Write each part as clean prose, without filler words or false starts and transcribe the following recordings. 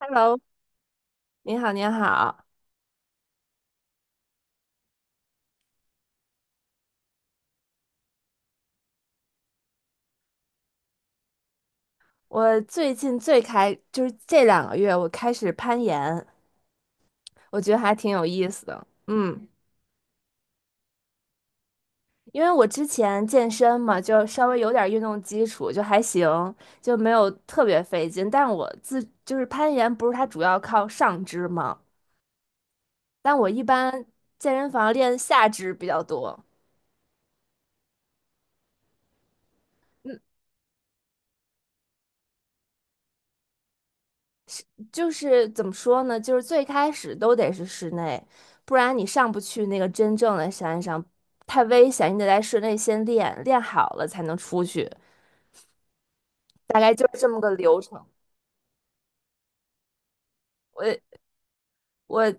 Hello，你好，你好。我最近最开，就是这2个月，我开始攀岩，我觉得还挺有意思的。嗯，因为我之前健身嘛，就稍微有点运动基础，就还行，就没有特别费劲。但我自就是攀岩，不是它主要靠上肢嘛，但我一般健身房练下肢比较多。嗯。就是怎么说呢？就是最开始都得是室内，不然你上不去那个真正的山上，太危险。你得在室内先练，练好了才能出去，大概就是这么个流程。我我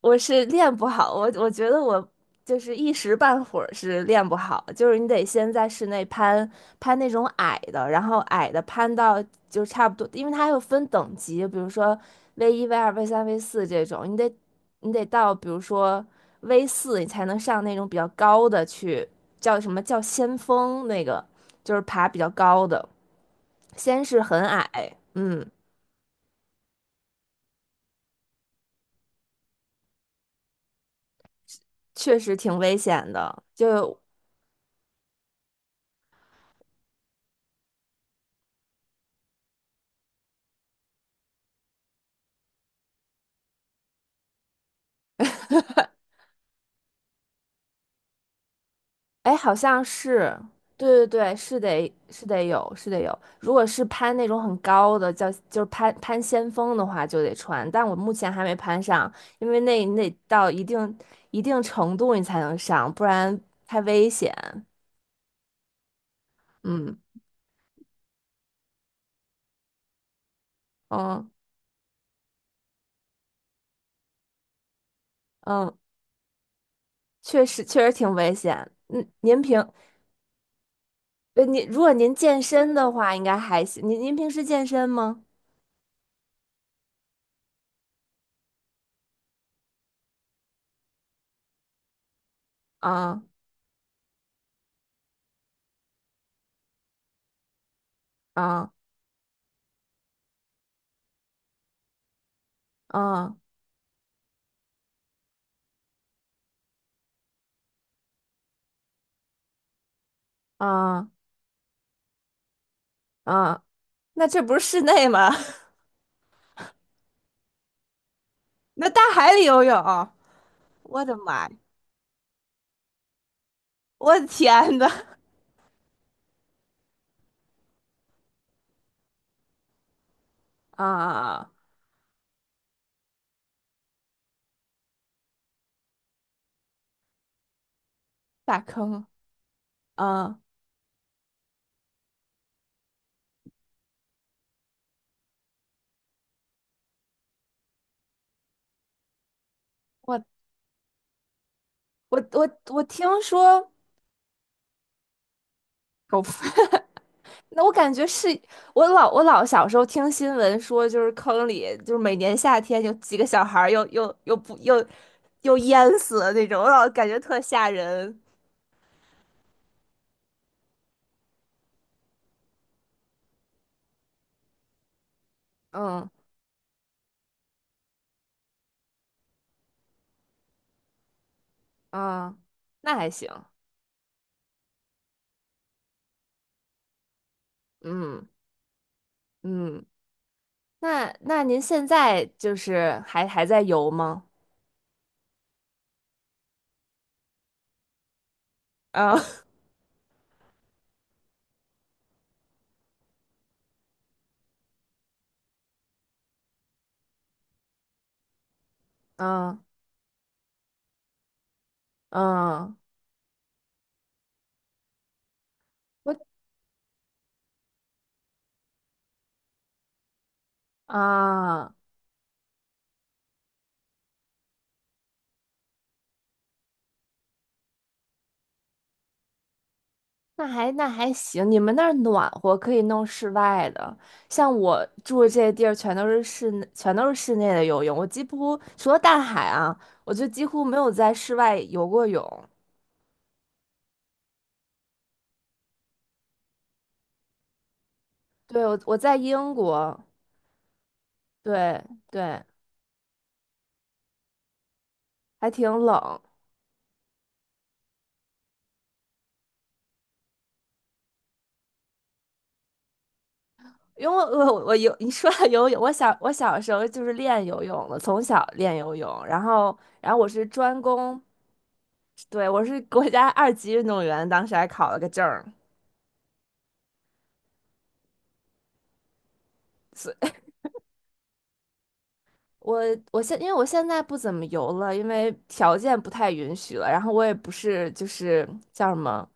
我是练不好，我觉得我就是一时半会儿是练不好，就是你得先在室内攀那种矮的，然后矮的攀到就差不多，因为它还有分等级，比如说 V1、V2、V3、V 四这种，你得到比如说 V 四，你才能上那种比较高的去，叫什么叫先锋那个，就是爬比较高的，先是很矮，嗯，确实挺危险的，就。哎，好像是，对对对，是得有，是得有。如果是攀那种很高的，叫就是攀先锋的话，就得穿。但我目前还没攀上，因为那那到一定程度你才能上，不然太危险。嗯嗯嗯，确实挺危险。嗯，您如果健身的话，应该还行。您平时健身吗？啊啊啊啊啊！那这不是室内吗？那大海里游泳，我的妈呀，我的天呐 啊，大坑，啊，我我我我听说狗粪，那我感觉是我老小时候听新闻说，就是坑里就是每年夏天有几个小孩儿又又又不又又淹死了那种，我老感觉特吓人。嗯嗯，那还行，嗯嗯，那您现在就是还在游吗？啊嗯。嗯，我啊，那还行，你们那儿暖和，可以弄室外的。像我住的这些地儿，全都是室内，全都是室内的游泳。我几乎除了大海啊，我就几乎没有在室外游过泳。对，我在英国，对对，还挺冷。因为我游，你说到游泳，我小时候就是练游泳的，从小练游泳，然后我是专攻，对，我是国家2级运动员，当时还考了个证。是 我我现因为我现在不怎么游了，因为条件不太允许了。然后我也不是就是叫什么，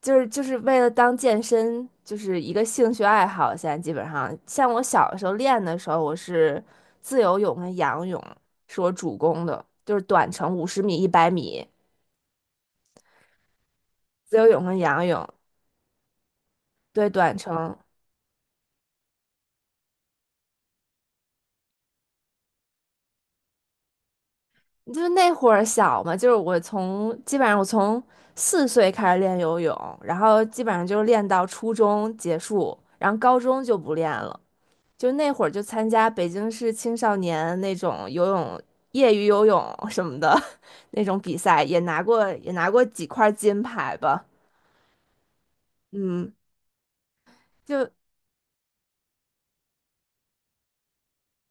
就是为了当健身，就是一个兴趣爱好。现在基本上，像我小的时候练的时候，我是自由泳跟仰泳是我主攻的，就是短程50米、100米，自由泳跟仰泳，对，短程。就是那会儿小嘛，就是基本上我从4岁开始练游泳，然后基本上就是练到初中结束，然后高中就不练了。就那会儿就参加北京市青少年那种游泳业余游泳什么的 那种比赛，也拿过几块金牌吧。嗯，就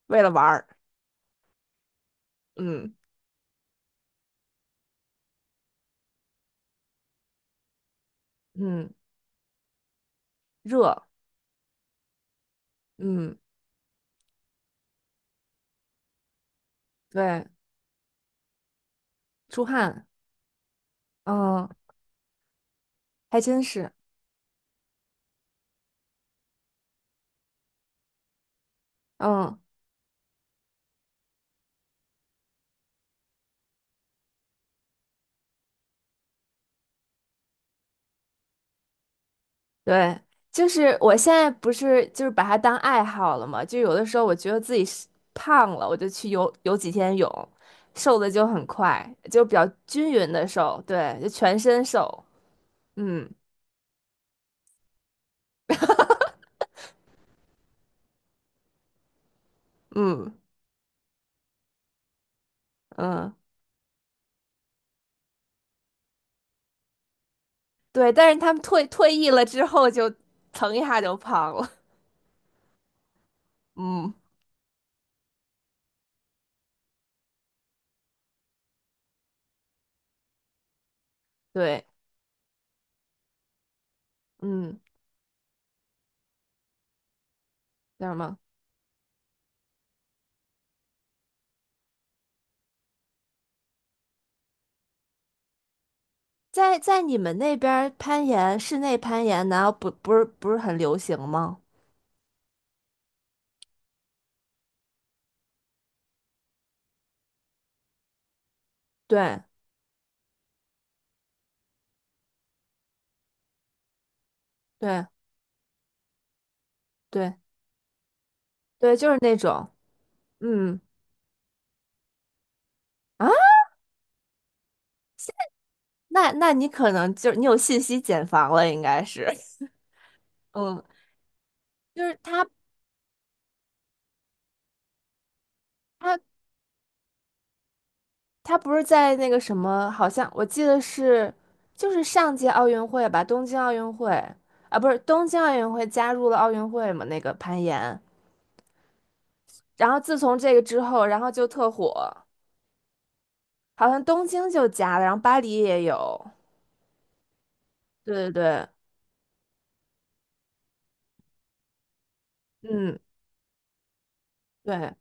为了玩儿。嗯嗯，热。嗯，对，出汗。嗯，还真是。嗯。对，就是我现在不是就是把它当爱好了嘛，就有的时候我觉得自己是胖了，我就去游游几天泳，瘦的就很快，就比较均匀的瘦，对，就全身瘦，嗯嗯嗯，对，但是他们退役了之后就蹭一下就胖了，嗯，对，嗯，叫什么？在你们那边儿攀岩，室内攀岩难道不是很流行吗？对对对对，就是那种。嗯。啊，那那你可能就是你有信息茧房了，应该是，嗯，就是他他不是在那个什么，好像我记得是就是上届奥运会吧，东京奥运会啊，不是东京奥运会加入了奥运会嘛，那个攀岩，然后自从这个之后，然后就特火，好像东京就加了，然后巴黎也有，对对对，嗯，对，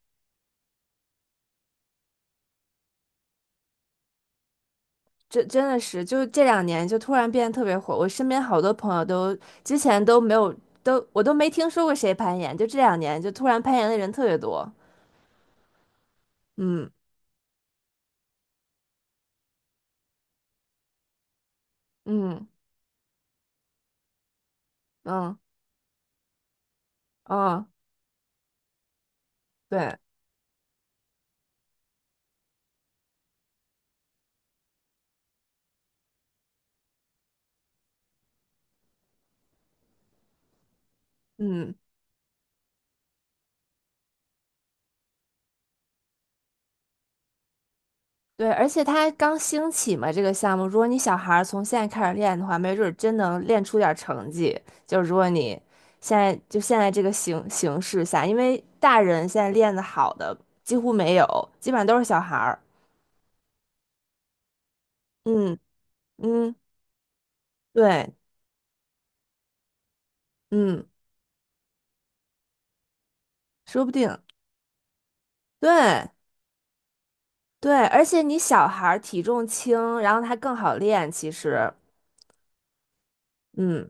这真的是，就这两年就突然变得特别火。我身边好多朋友都之前都没有，我都没听说过谁攀岩，就这两年就突然攀岩的人特别多。嗯嗯嗯嗯，对，嗯，对，而且它刚兴起嘛，这个项目，如果你小孩儿从现在开始练的话，没准儿真能练出点儿成绩。就如果你现在就现在这个形势下，因为大人现在练的好的几乎没有，基本上都是小孩儿。嗯嗯。对，嗯，说不定，对对，而且你小孩儿体重轻，然后他更好练，其实，嗯，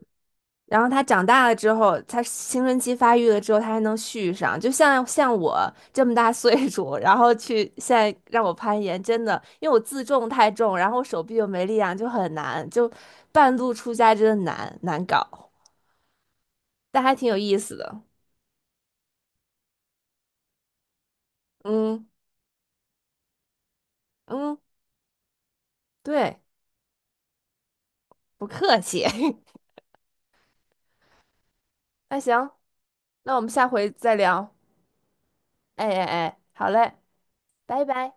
然后他长大了之后，他青春期发育了之后，他还能续上，像我这么大岁数，然后去现在让我攀岩，真的，因为我自重太重，然后我手臂又没力量，就很难，就半路出家真的难搞，但还挺有意思的，嗯嗯，对，不客气，那行，那我们下回再聊。哎哎哎，好嘞，拜拜。